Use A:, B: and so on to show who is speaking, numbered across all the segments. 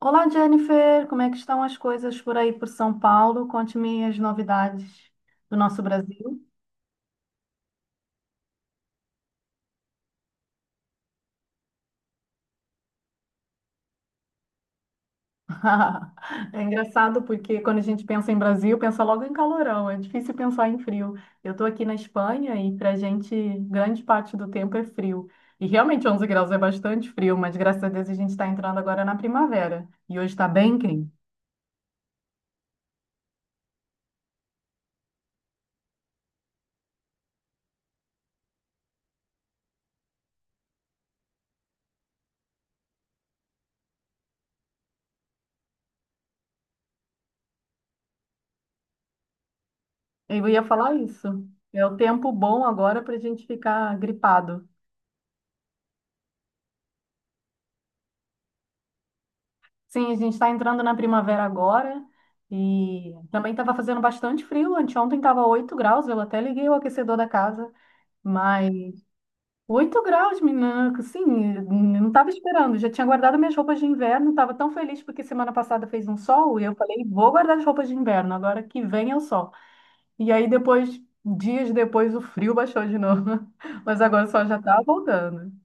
A: Olá, Jennifer, como é que estão as coisas por aí por São Paulo? Conte-me as novidades do nosso Brasil. É engraçado porque quando a gente pensa em Brasil, pensa logo em calorão, é difícil pensar em frio. Eu estou aqui na Espanha e para a gente, grande parte do tempo é frio. E realmente 11 graus é bastante frio, mas graças a Deus a gente está entrando agora na primavera. E hoje está bem quente. Eu ia falar isso. É o tempo bom agora para a gente ficar gripado. Sim, a gente está entrando na primavera agora e também estava fazendo bastante frio. Anteontem estava 8 graus, eu até liguei o aquecedor da casa, mas 8 graus, menina, sim, não estava esperando. Já tinha guardado minhas roupas de inverno, estava tão feliz porque semana passada fez um sol e eu falei, vou guardar as roupas de inverno, agora que vem é o sol. E aí depois, dias depois, o frio baixou de novo, mas agora o sol já está voltando.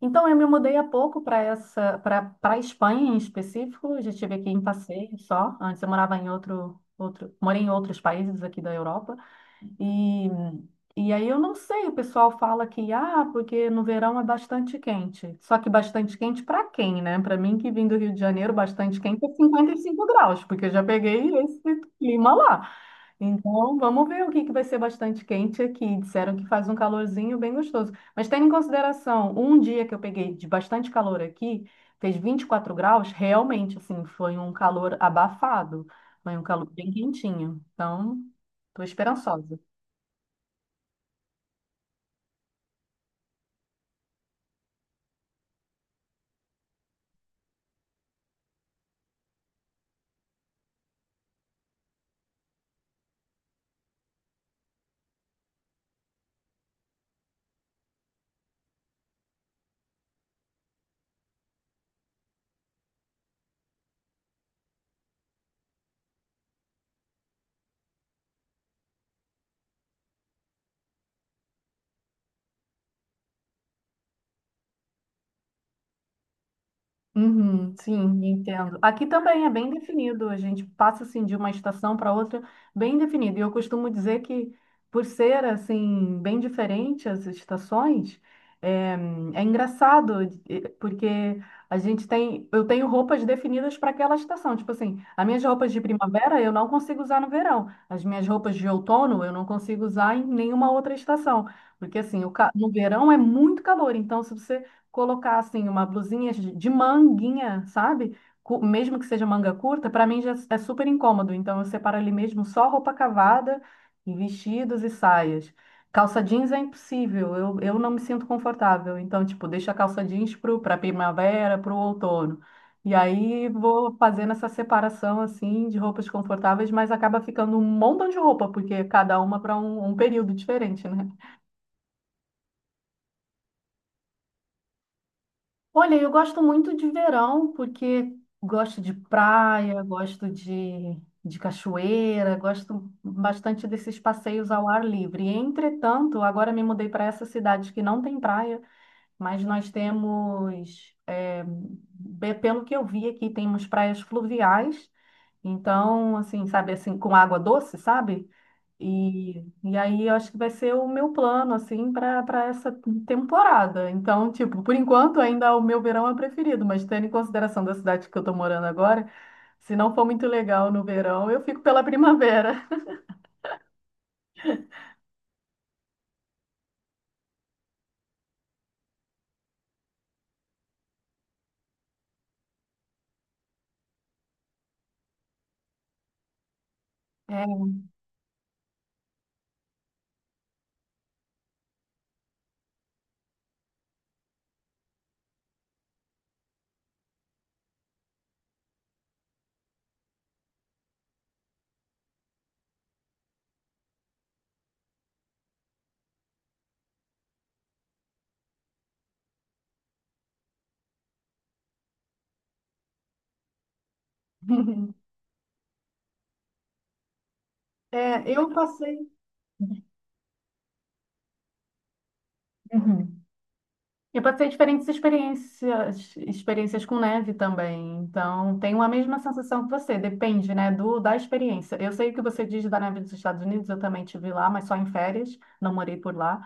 A: Então, eu me mudei há pouco para essa, para a Espanha em específico. Já estive aqui em passeio só. Antes eu morava em outro, morei em outros países aqui da Europa. E, e aí eu não sei, o pessoal fala que ah, porque no verão é bastante quente. Só que bastante quente para quem, né? Para mim que vim do Rio de Janeiro, bastante quente é 55 graus, porque eu já peguei esse clima lá. Então, vamos ver o que que vai ser bastante quente aqui. Disseram que faz um calorzinho bem gostoso. Mas tendo em consideração, um dia que eu peguei de bastante calor aqui, fez 24 graus, realmente, assim, foi um calor abafado. Foi um calor bem quentinho. Então, estou esperançosa. Uhum, sim, entendo. Aqui também é bem definido, a gente passa assim de uma estação para outra bem definido. E eu costumo dizer que por ser assim bem diferente as estações, é, é engraçado porque a gente tem, eu tenho roupas definidas para aquela estação. Tipo assim, as minhas roupas de primavera eu não consigo usar no verão, as minhas roupas de outono eu não consigo usar em nenhuma outra estação, porque assim, no verão é muito calor, então se você colocar assim uma blusinha de manguinha, sabe? Mesmo que seja manga curta, para mim já é super incômodo. Então eu separo ali mesmo só roupa cavada e vestidos e saias. Calça jeans é impossível, eu não me sinto confortável. Então, tipo, deixo a calça jeans para primavera, para o outono. E aí vou fazendo essa separação assim de roupas confortáveis, mas acaba ficando um montão de roupa, porque cada uma para um, um período diferente, né? Olha, eu gosto muito de verão, porque gosto de praia, gosto de cachoeira, gosto bastante desses passeios ao ar livre. Entretanto, agora me mudei para essa cidade que não tem praia, mas nós temos, pelo que eu vi aqui, temos praias fluviais. Então, assim, sabe, assim, com água doce, sabe? E aí eu acho que vai ser o meu plano, assim, para essa temporada. Então, tipo, por enquanto ainda o meu verão é preferido, mas tendo em consideração da cidade que eu tô morando agora, se não for muito legal no verão, eu fico pela primavera. É. É, eu passei. Uhum. Eu passei diferentes experiências, experiências com neve também. Então, tenho a mesma sensação que você, depende, né, do da experiência. Eu sei o que você diz da neve dos Estados Unidos, eu também tive lá, mas só em férias, não morei por lá.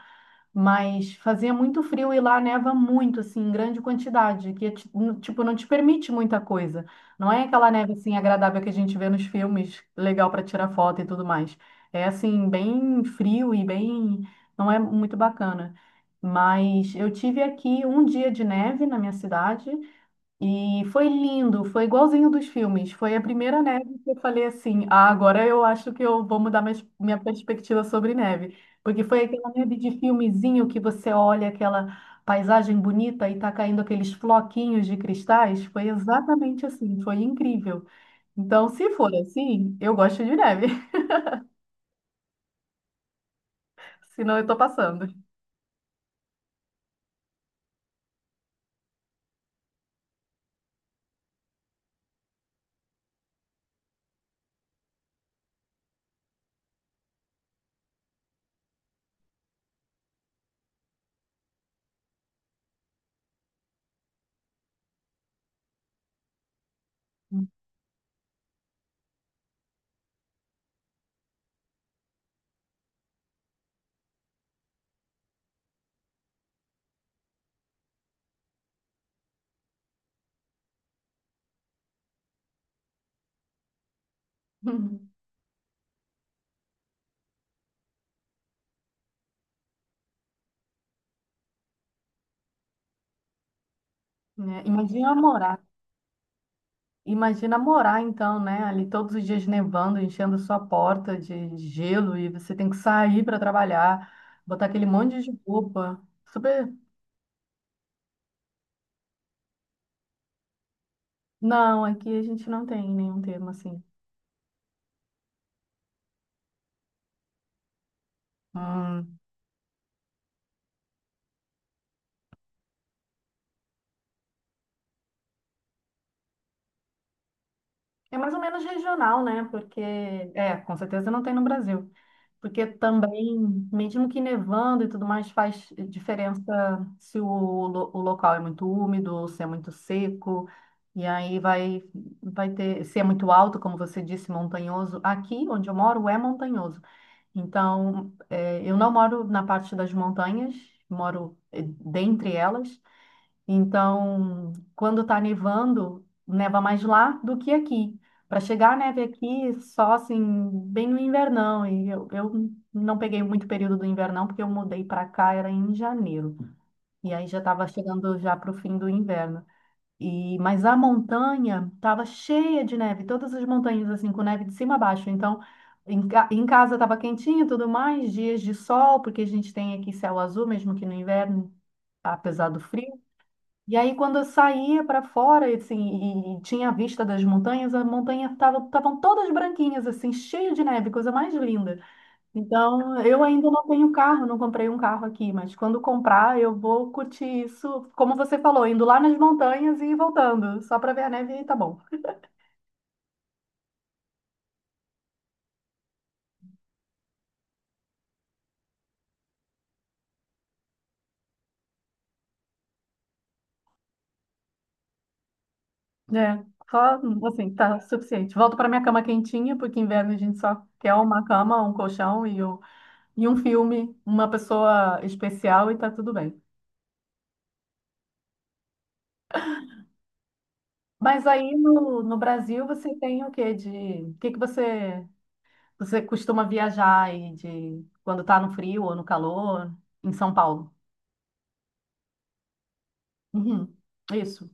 A: Mas fazia muito frio e lá neva muito, assim, em grande quantidade, que, tipo, não te permite muita coisa. Não é aquela neve, assim, agradável que a gente vê nos filmes, legal para tirar foto e tudo mais. É, assim, bem frio e bem... não é muito bacana. Mas eu tive aqui um dia de neve na minha cidade e foi lindo, foi igualzinho dos filmes. Foi a primeira neve que eu falei assim: ah, agora eu acho que eu vou mudar minha, minha perspectiva sobre neve. Porque foi aquela neve de filmezinho que você olha aquela paisagem bonita e tá caindo aqueles floquinhos de cristais. Foi exatamente assim, foi incrível. Então, se for assim, eu gosto de neve, senão eu tô passando. Né? Imagina morar então, né? Ali todos os dias nevando, enchendo sua porta de gelo e você tem que sair para trabalhar, botar aquele monte de roupa. Super. Não, aqui a gente não tem nenhum termo assim. Hum. É mais ou menos regional, né? Porque, é, com certeza não tem no Brasil. Porque também, mesmo que nevando e tudo mais, faz diferença se o, lo- o local é muito úmido, ou se é muito seco, e aí vai, vai ter, se é muito alto, como você disse, montanhoso. Aqui onde eu moro é montanhoso. Então, eu não moro na parte das montanhas, moro dentre elas, então, quando está nevando, neva mais lá do que aqui. Para chegar a neve aqui, só assim, bem no invernão. E eu não peguei muito período do invernão, porque eu mudei para cá, era em janeiro. E aí já estava chegando já para o fim do inverno. E, mas a montanha estava cheia de neve, todas as montanhas assim, com neve de cima a baixo. Então, em casa estava quentinho e tudo mais, dias de sol, porque a gente tem aqui céu azul, mesmo que no inverno, apesar do frio. E aí, quando eu saía para fora, e, assim, e tinha a vista das montanhas, as montanhas estavam todas branquinhas, assim, cheio de neve, coisa mais linda. Então, eu ainda não tenho carro, não comprei um carro aqui, mas quando comprar, eu vou curtir isso, como você falou, indo lá nas montanhas e voltando, só para ver a neve e tá bom. É, só, assim, tá suficiente. Volto para minha cama quentinha, porque inverno a gente só quer uma cama, um colchão e um filme, uma pessoa especial e tá tudo bem. Mas aí no Brasil você tem o quê de, o que que você você costuma viajar aí de quando tá no frio ou no calor em São Paulo? Uhum, isso.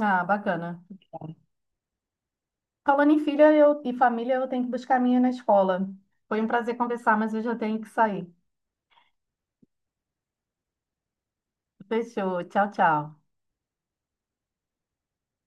A: Ah, bacana. Falando em filha eu, e família, eu tenho que buscar a minha na escola. Foi um prazer conversar, mas eu já tenho que sair. Fechou. Tchau, tchau.